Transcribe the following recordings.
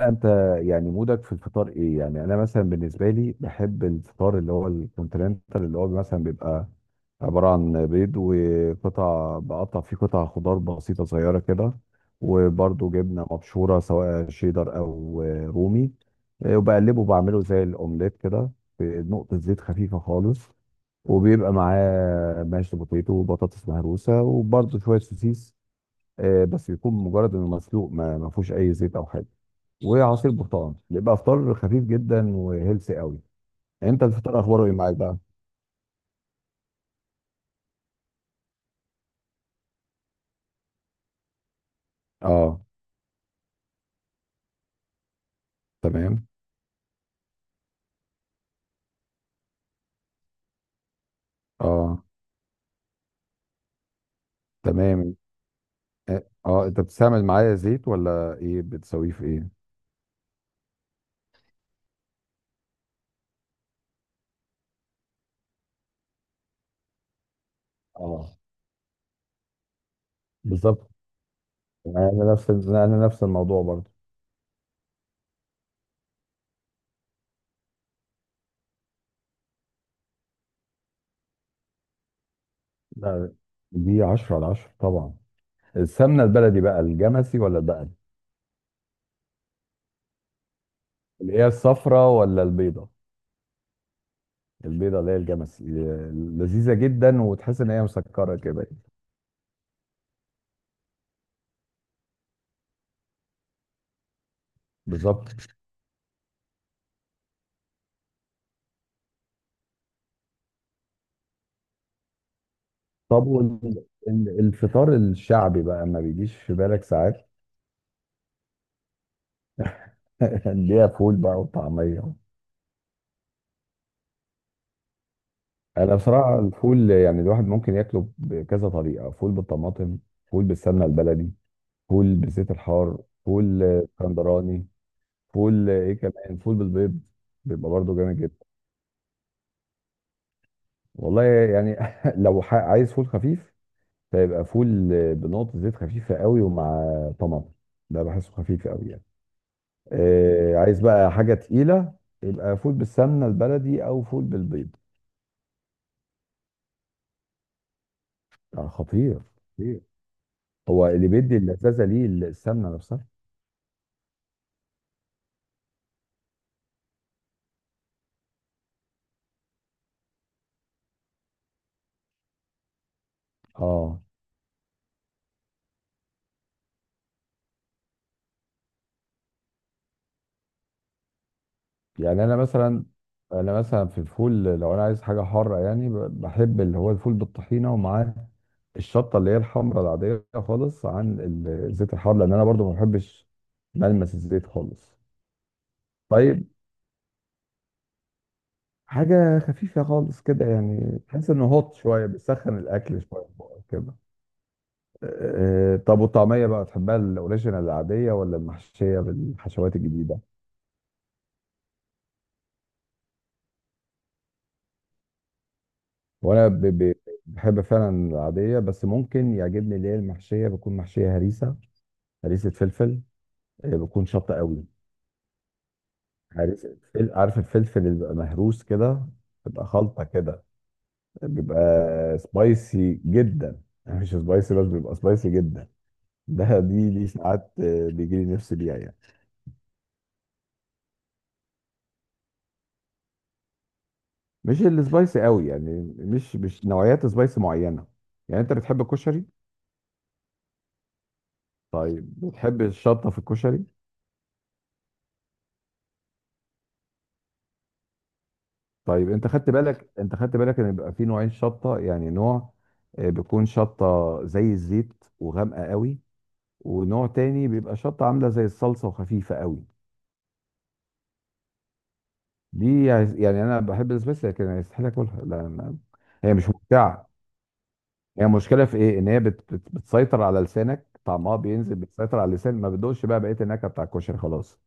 انت، يعني مودك في الفطار ايه؟ يعني انا مثلا بالنسبه لي بحب الفطار اللي هو الكونتيننتال، اللي هو مثلا بيبقى عباره عن بيض وقطع، بقطع فيه قطع خضار بسيطه صغيره كده، وبرده جبنه مبشوره سواء شيدر او رومي. وبقلبه بعمله زي الاومليت كده بنقطه زيت خفيفه خالص. وبيبقى معاه ماشي بوتيتو وبطاطس مهروسه وبرده شويه سوسيس. آه، بس يكون مجرد انه مسلوق، ما فيهوش اي زيت او حاجه. وعصير برتقال. بيبقى فطار خفيف جدا وهيلثي قوي. انت الفطار اخباره ايه معاك بقى؟ اه، تمام. اه، تمام. اه آه، انت بتستعمل معايا زيت ولا ايه؟ بتسويه في ايه؟ اه، بالظبط. انا نفس الموضوع برضه. لا، دي 10 على 10 طبعا. السمنه البلدي بقى الجمسي ولا البقري؟ اللي هي الصفراء ولا البيضه؟ البيضه اللي هي الجمسي. آه، لذيذه جدا وتحس ان هي مسكره كده. بالظبط. طب والفطار الشعبي بقى ما بيجيش في بالك ساعات؟ اللي هي فول بقى وطعمية. انا بصراحة الفول يعني الواحد ممكن ياكله بكذا طريقة: فول بالطماطم، فول بالسمنة البلدي، فول بزيت الحار، فول آه، اسكندراني، فول آه، ايه كمان، فول بالبيض. بيبقى برضه جامد جدا. والله يعني لو عايز فول خفيف، فيبقى فول آه، بنقطة زيت خفيفة قوي ومع طماطم. ده بحسه خفيف قوي يعني. آه، عايز بقى حاجه تقيله، يبقى فول بالسمنه البلدي او فول بالبيض. آه، خطير. خطير. هو اللي بيدي اللذاذه ليه السمنه نفسها. اه. يعني انا مثلا في الفول، لو انا عايز حاجه حاره يعني، بحب اللي هو الفول بالطحينه، ومعاه الشطه اللي هي الحمراء العاديه خالص، عن الزيت الحار، لان انا برضو ما بحبش ملمس الزيت خالص. طيب. حاجه خفيفه خالص كده يعني، تحس انه هوت شويه، بيسخن الاكل شويه في بقك كده. آه، طب والطعميه بقى، تحبها الاوريجينال العاديه ولا المحشيه بالحشوات الجديده؟ وانا بحب فعلا العاديه، بس ممكن يعجبني اللي هي المحشيه، بتكون محشيه هريسه. هريسه فلفل. آه، بتكون شطه قوي. عارف الفلفل اللي بيبقى مهروس كده، بيبقى خلطه كده، بيبقى سبايسي جدا، يعني مش سبايسي بس بيبقى سبايسي جدا. ده دي دي ساعات بيجي لي نفسي بيها يعني. مش السبايسي قوي يعني، مش نوعيات سبايسي معينه. يعني انت بتحب الكشري. طيب بتحب الشطه في الكشري؟ طيب، انت خدت بالك ان بيبقى في نوعين شطه؟ يعني نوع آه، بيكون شطه زي الزيت وغامقه قوي، ونوع تاني بيبقى شطه عامله زي الصلصه وخفيفه قوي. دي يعني انا بحب السبايسي لكن يستحيل اكلها، لان هي مش ممتعه. هي المشكله في ايه؟ ان هي بت بتسيطر على لسانك، طعمها بينزل، بتسيطر على اللسان، ما بتدوقش بقى بقيه النكهه بتاع الكشري خلاص.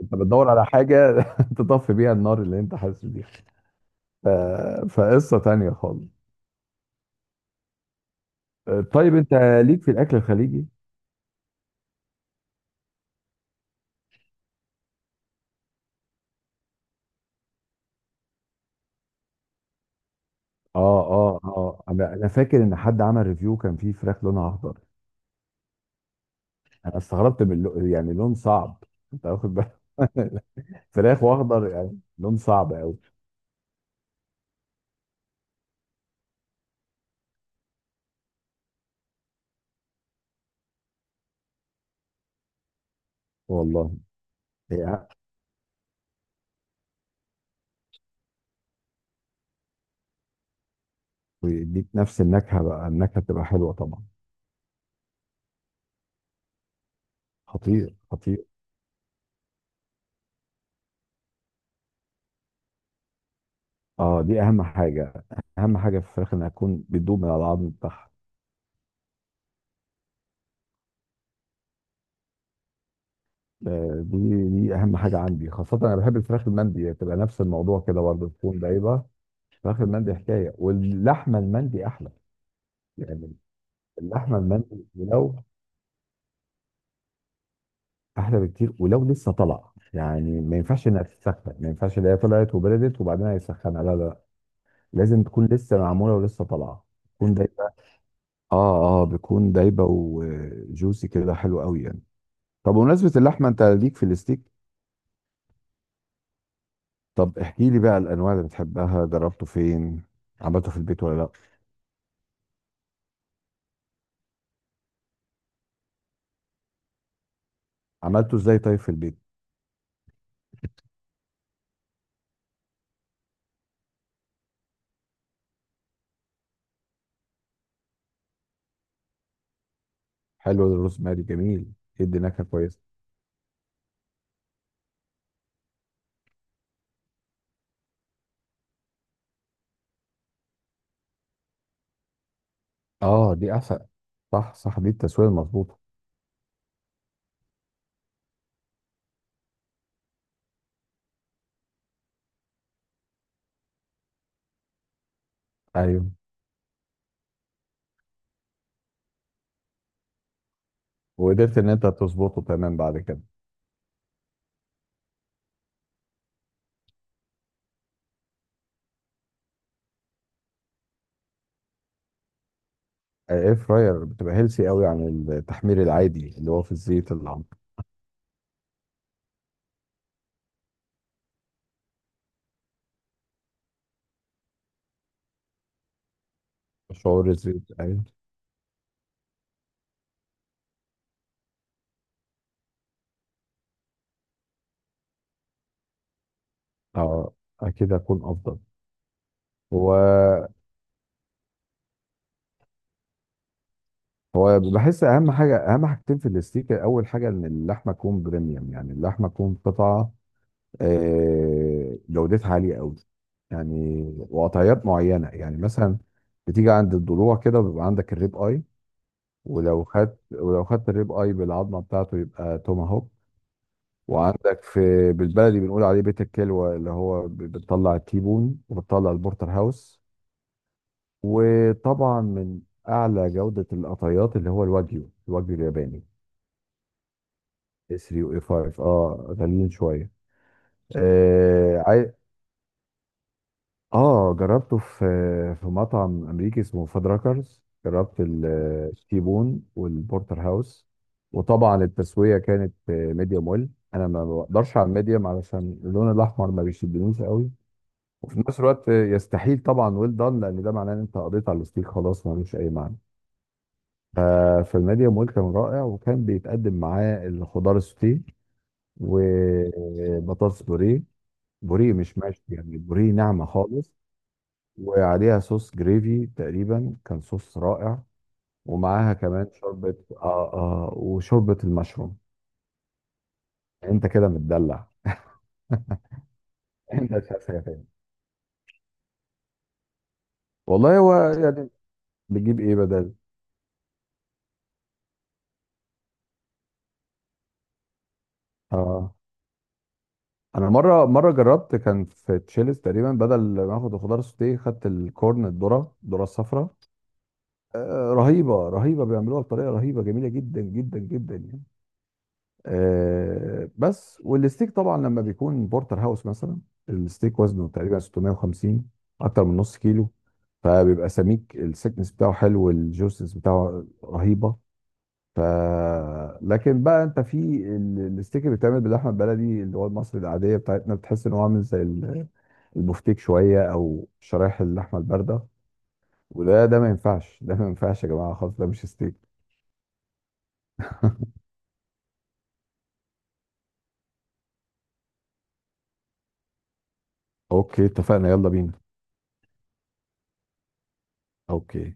أنت بتدوّر على حاجة تطفّي بيها النار اللي أنت حاسس بيها. ف فقصّة تانية خالص. طيب أنت ليك في الأكل الخليجي؟ آه، آه، آه. أنا فاكر إن حد عمل review كان فيه فراخ لونها أخضر. أنا استغربت من اللو، يعني لون صعب. أنت واخد بالك؟ فراخ وأخضر، يعني لون صعب أوي. والله. يع ويدّيك نفس النكهة بقى، النكهة بتبقى حلوة طبعًا. خطير، خطير. آه، دي أهم حاجة، أهم حاجة في الفراخ إنها تكون بتدوب من على العضم بتاعها. آه، دي اهم حاجه عندي، خاصه انا بحب الفراخ المندي، تبقى نفس الموضوع كده برضه، تكون دايبه. الفراخ المندي حكايه، واللحمه المندي احلى. يعني اللحمه المندي ولو احلى بكتير، ولو لسه طالعه يعني، ما ينفعش انها تتسخن، ما ينفعش اللي هي طلعت وبردت وبعدين هيسخنها. لا لا لا. لازم تكون لسه معموله ولسه طالعه، تكون دايبه. اه اه، بتكون دايبه وجوسي كده، حلو قوي يعني. طب بمناسبه اللحمه، انت ليك في الستيك؟ طب احكي لي بقى الانواع اللي بتحبها، جربته فين؟ عملته في البيت ولا لا؟ عملته ازاي طيب في البيت؟ حلو الروزماري، جميل، يدي نكهه كويسه. اه دي احسن، صح صح، دي التسويه المظبوطه. ايوه. وقدرت ان انت تظبطه تمام بعد كده؟ الاير فراير بتبقى هيلسي قوي عن التحمير العادي اللي هو في الزيت العميق. شعور الزيت، ايوه. اه، اكيد هيكون افضل. هو هو بحس اهم حاجه، اهم حاجتين في الاستيك: اول حاجه ان اللحمه تكون بريميوم، يعني اللحمه تكون قطعه آه، جودتها عالية قوي. يعني، وقطعيات معينة يعني، مثلا بتيجي عند الضلوع كده وبيبقى عندك الريب اي. ولو خدت الريب اي بالعظمة بتاعته، يبقى توماهوك. وعندك في بالبلدي بنقول عليه بيت الكلوة، اللي هو بتطلع التيبون وبتطلع البورتر هاوس. وطبعا من اعلى جودة القطعيات اللي هو الواجيو، الواجيو الياباني، اس 3 واي 5. اه غاليين شوية. آه. اه، جربته في في مطعم امريكي اسمه فادراكرز. جربت التيبون والبورتر هاوس. وطبعا التسويه كانت ميديوم ويل. انا ما بقدرش على الميديوم، علشان اللون الاحمر ما بيشدنيش قوي، وفي نفس الوقت يستحيل طبعا ويل دان، لان ده معناه ان انت قضيت على الستيك خلاص، ملوش اي معنى. ففي الميديوم ويل كان رائع، وكان بيتقدم معاه الخضار السوتيه وبطاطس بوريه. بوريه مش ماشي يعني، بوريه ناعمه خالص، وعليها صوص جريفي تقريبا، كان صوص رائع. ومعاها كمان شوربة، وشوربة المشروم. انت كده متدلع. انت مش عايز حاجة تاني؟ والله هو يعني. بتجيب ايه بدل؟ اه، انا مرة جربت، كان في تشيلس تقريبا، بدل ما اخد الخضار سوتيه خدت الكورن، الذرة، الصفراء. آه رهيبة، رهيبة، بيعملوها بطريقة رهيبة، جميلة جدا جدا جدا يعني. آه، بس والستيك طبعا لما بيكون بورتر هاوس مثلا، الستيك وزنه تقريبا 650، اكتر من نص كيلو. فبيبقى سميك، السكنس بتاعه حلو والجوسنس بتاعه رهيبه. ف لكن بقى انت في الستيك اللي بيتعمل باللحمه البلدي، اللي هو المصري العاديه بتاعتنا، بتحس ان هو عامل زي البفتيك شويه، او شرايح اللحمه البارده. وده ما ينفعش، يا جماعه خالص، ده مش ستيك. اوكي، اتفقنا، يلا بينا. اوكي.